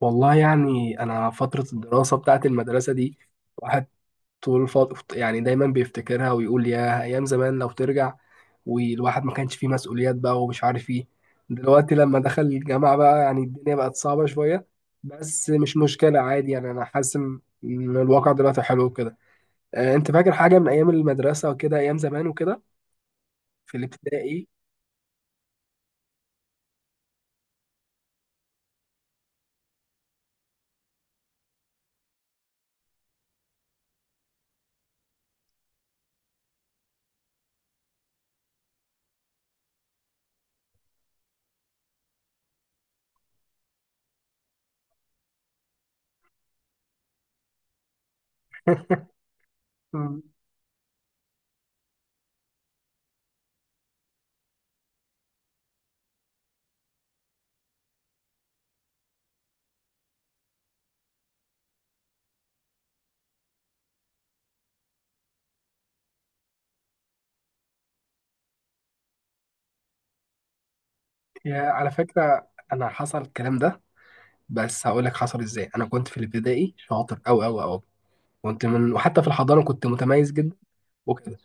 والله يعني أنا فترة الدراسة بتاعت المدرسة دي واحد يعني دايما بيفتكرها ويقول يا أيام زمان لو ترجع، والواحد ما كانش فيه مسؤوليات بقى ومش عارف ايه. دلوقتي لما دخل الجامعة بقى يعني الدنيا بقت صعبة شوية، بس مش مشكلة عادي. يعني أنا حاسس إن الواقع دلوقتي حلو كده. أنت فاكر حاجة من أيام المدرسة وكده، أيام زمان وكده؟ في الابتدائي. مم. يا، على فكرة أنا حصل الكلام ده، بس هقولك حصل إزاي. أنا كنت في الابتدائي شاطر أوي أوي أوي، كنت من وحتى في الحضانة كنت متميز جدا وكده.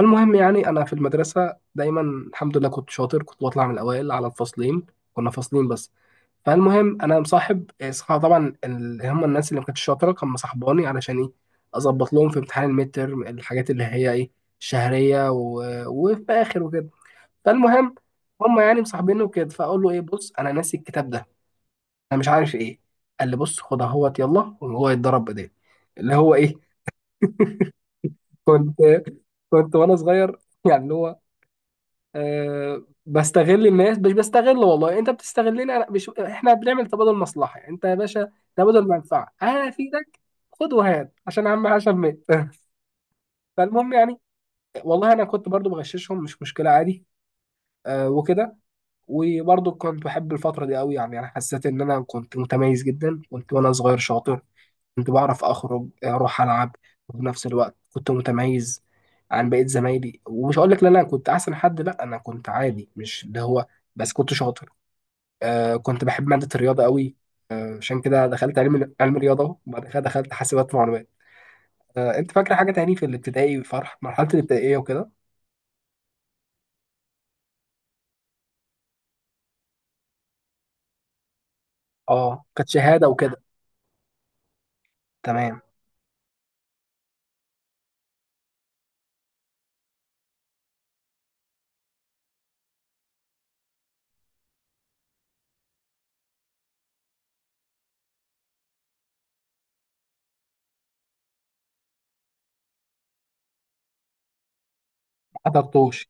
المهم يعني أنا في المدرسة دايما الحمد لله كنت شاطر، كنت بطلع من الأوائل على الفصلين، كنا فصلين بس. فالمهم أنا مصاحب طبعا اللي هم الناس اللي ما كانتش شاطرة كان مصاحباني، علشان إيه؟ أظبط لهم في امتحان الميد تيرم الحاجات اللي هي إيه، شهرية و... وفي آخر وكده. فالمهم هم يعني مصاحبيني وكده، فأقول له إيه، بص أنا ناسي الكتاب ده، أنا مش عارف إيه، قال لي بص خد أهوت يلا، وهو يتضرب بإيديه، اللي هو إيه. كنت، كنت وانا صغير يعني اللي هو أه بستغل الناس. مش بستغل، والله انت بتستغلني انا، مش احنا بنعمل تبادل مصلحه، انت يا باشا تبادل منفعه، انا افيدك خد وهات، عشان عم عشان مات. فالمهم يعني، والله انا كنت برضو بغششهم، مش مشكله عادي. أه وكده. وبرضو كنت بحب الفتره دي قوي، يعني انا حسيت ان انا كنت متميز جدا، كنت وانا صغير شاطر، كنت بعرف أخرج أروح ألعب وفي نفس الوقت كنت متميز عن بقية زمايلي. ومش هقول لك لا أنا كنت أحسن حد، لا أنا كنت عادي، مش اللي هو، بس كنت شاطر. آه كنت بحب مادة الرياضة قوي، آه عشان كده دخلت علم رياضة أهو، وبعد كده دخلت حاسبات معلومات. آه، أنت فاكرة حاجة تاني في الابتدائي، فرح مرحلة الابتدائية وكده؟ أه كانت شهادة وكده. تمام. ما حضرتوش.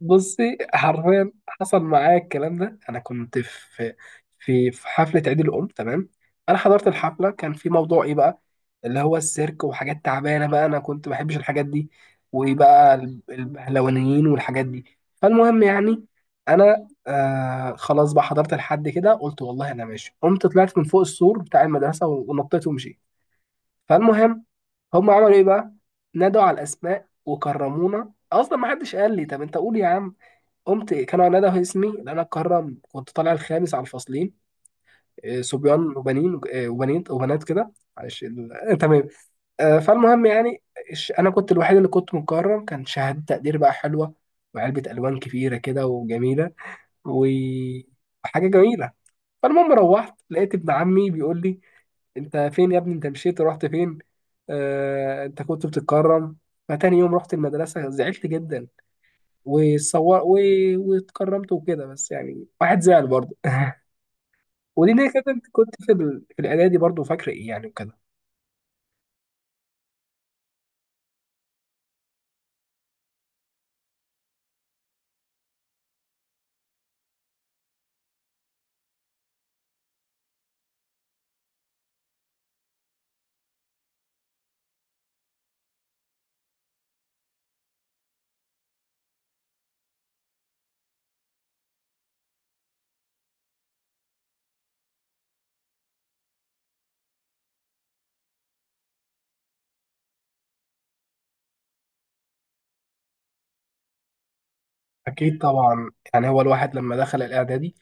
بصي حرفيا حصل معايا الكلام ده. انا كنت في في حفله عيد الام، تمام. انا حضرت الحفله، كان في موضوع ايه بقى، اللي هو السيرك وحاجات تعبانه بقى، انا كنت ما بحبش الحاجات دي، وبقى البهلوانيين والحاجات دي. فالمهم يعني انا خلاص بقى حضرت لحد كده، قلت والله انا ماشي، قمت طلعت من فوق السور بتاع المدرسه ونطيت ومشيت. فالمهم هم عملوا ايه بقى، نادوا على الاسماء وكرمونا، اصلا ما حدش قال لي. طب انت قول يا عم. قمت إيه، كان عناد اسمي، لأن أنا القاهرة كنت طالع الخامس على الفصلين. صبيان وبنين، وبنات وبنات كده. معلش تمام. فالمهم يعني، أنا كنت الوحيد اللي كنت مكرم، كان شهادة تقدير بقى حلوة، وعلبة ألوان كبيرة كده وجميلة، وحاجة جميلة. فالمهم روحت لقيت ابن عمي بيقول لي، أنت فين يا ابني، أنت مشيت رحت فين، أنت كنت بتتكرم. فتاني يوم رحت المدرسة زعلت جدا، وصور و... واتكرمت وكده، بس يعني واحد زعل برضه. ودي ليه كده، انت كنت في في الاعدادي برضه، فاكر ايه يعني وكده؟ اكيد طبعا، يعني هو الواحد لما دخل الاعدادي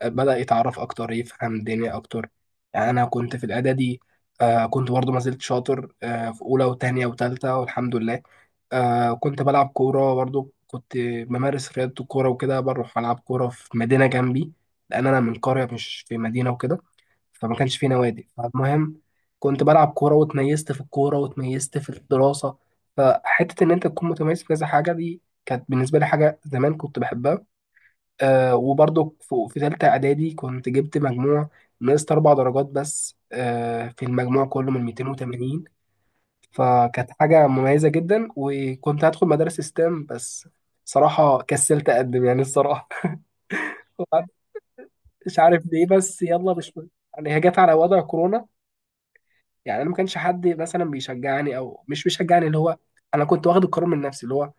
بدأ يتعرف اكتر، يفهم الدنيا اكتر. يعني انا كنت في الاعدادي آه كنت برضه ما زلت شاطر، آه في اولى وتانية وتالتة، والحمد لله. آه كنت بلعب كورة برضه، كنت بمارس رياضة الكورة وكده، بروح ألعب كورة في مدينة جنبي، لأن أنا من قرية مش في مدينة وكده، فما كانش في نوادي. فالمهم كنت بلعب كورة، واتميزت في الكورة، واتميزت في الدراسة. فحتة إن أنت تكون متميز في كذا حاجة دي كانت بالنسبة لي حاجة، زمان كنت بحبها. آه وبرضو في تالتة إعدادي كنت جبت مجموع، نقصت أربع درجات بس آه، في المجموع كله من 280. فكانت حاجة مميزة جدا، وكنت هدخل مدارس ستام، بس صراحة كسلت أقدم يعني، الصراحة. مش عارف ليه، بس يلا مش يعني. هي جت على وضع كورونا، يعني انا ما كانش حد مثلا بيشجعني او مش بيشجعني، اللي هو انا كنت واخد القرار من نفسي، اللي هو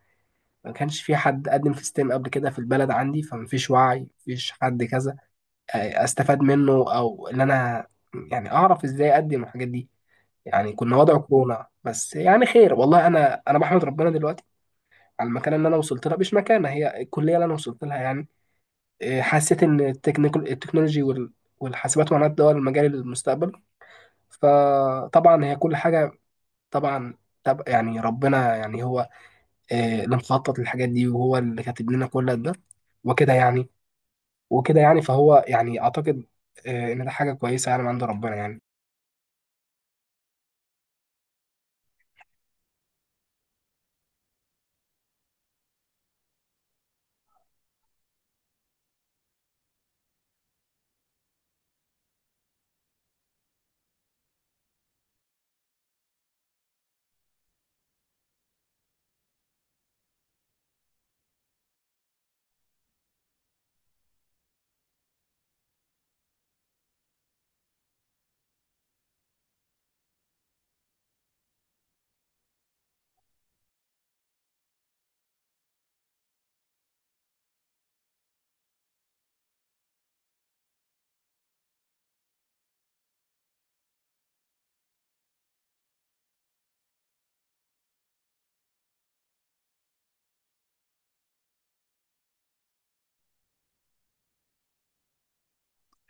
ما كانش في حد قدم في ستيم قبل كده في البلد عندي، فما فيش وعي، ما فيش حد كذا استفاد منه، او ان انا يعني اعرف ازاي اقدم الحاجات دي. يعني كنا وضع كورونا، بس يعني خير، والله انا بحمد ربنا دلوقتي على المكانه اللي انا وصلت لها، مش مكانه، هي الكليه اللي انا وصلت لها يعني. حسيت ان التكنيكال، التكنولوجي والحاسبات ومعلومات، ده هو المجال المستقبل. فطبعا هي كل حاجه، طبعا. طب يعني ربنا يعني هو اللي مخطط للحاجات دي، وهو اللي كاتب لنا كل ده وكده يعني. وكده يعني، فهو يعني اعتقد ان ده حاجه كويسه يعني، من عند ربنا يعني.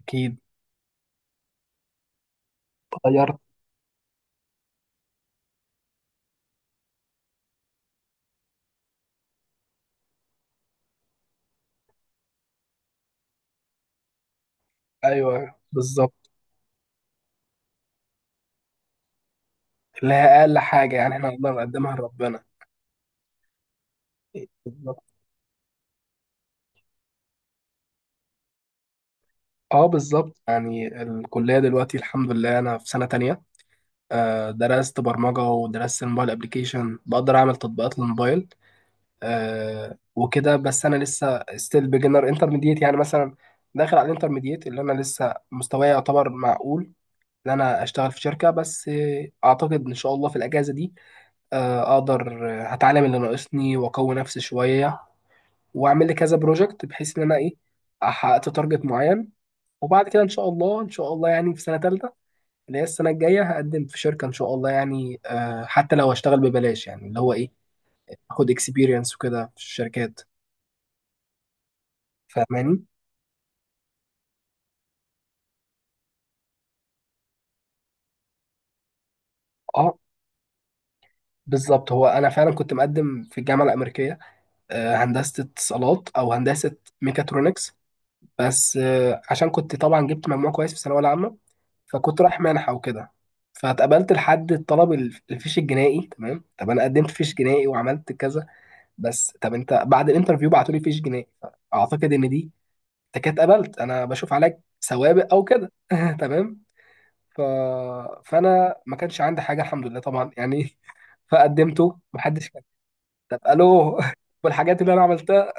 اكيد. غيرت. ايوه بالظبط. اللي هي اقل حاجه يعني احنا نقدر نقدمها لربنا. بالظبط. اه بالظبط، يعني الكليه دلوقتي الحمد لله انا في سنه تانية، درست برمجه ودرست الموبايل ابلكيشن، بقدر اعمل تطبيقات للموبايل وكده. بس انا لسه ستيل بيجنر انترميديت، يعني مثلا داخل على الانترميديت، اللي انا لسه مستواي يعتبر معقول ان انا اشتغل في شركه، بس اعتقد ان شاء الله في الاجازه دي اقدر هتعلم اللي ناقصني واقوي نفسي شويه، واعمل لي كذا بروجكت، بحيث ان انا ايه حققت تارجت معين. وبعد كده ان شاء الله ان شاء الله يعني في سنه ثالثه اللي هي السنه الجايه، هقدم في شركه ان شاء الله، يعني آه حتى لو هشتغل ببلاش، يعني اللي هو ايه، اخد اكسبيرينس وكده في الشركات، فاهماني. اه بالظبط، هو انا فعلا كنت مقدم في الجامعه الامريكيه، هندسه اتصالات او هندسه ميكاترونكس، بس عشان كنت طبعا جبت مجموع كويس في الثانويه العامه، فكنت رايح منحه وكده. فاتقبلت لحد الطلب الفيش الجنائي، تمام. طب انا قدمت فيش جنائي وعملت كذا، بس طب انت بعد الانترفيو بعتولي فيش جنائي. اعتقد ان دي، انت كده اتقبلت انا بشوف عليك سوابق او كده. تمام. ف... فانا ما كانش عندي حاجه الحمد لله طبعا يعني. فقدمته محدش. طب الو. والحاجات اللي انا عملتها،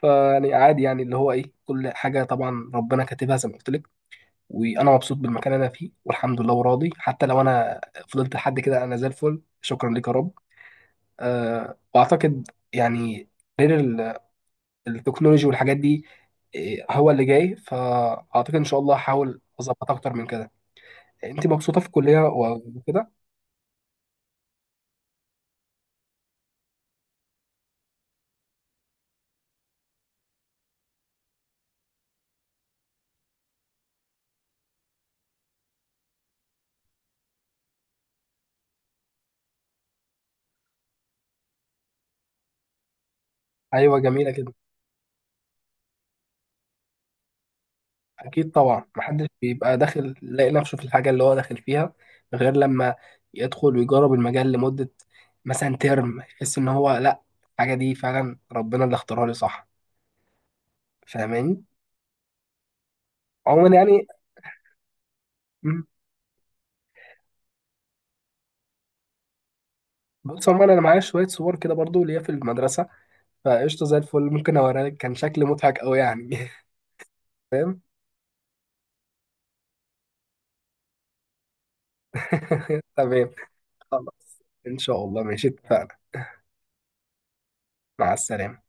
فيعني عادي، يعني اللي هو ايه، كل حاجه طبعا ربنا كاتبها، زي ما قلت لك، وانا مبسوط بالمكان اللي انا فيه والحمد لله، وراضي حتى لو انا فضلت لحد كده، انا زي الفل، شكرا لك يا رب. أه واعتقد يعني، غير التكنولوجي والحاجات دي، هو اللي جاي، فاعتقد ان شاء الله هحاول اظبط اكتر من كده. انت مبسوطه في الكليه وكده؟ ايوه جميله كده. أكيد طبعا، محدش بيبقى داخل لاقي نفسه في الحاجة اللي هو داخل فيها، غير لما يدخل ويجرب المجال لمدة مثلا ترم، يحس إن هو لأ، الحاجة دي فعلا ربنا اللي اختارها لي صح، فاهماني؟ عموما يعني. مم. بص عموما أنا معايا شوية صور كده برضو ليا في المدرسة، فقشطة زي الفل، ممكن أوريها لك، كان شكل مضحك أوي يعني. تمام. خلاص. إن شاء الله ماشي اتفقنا. مع السلامة.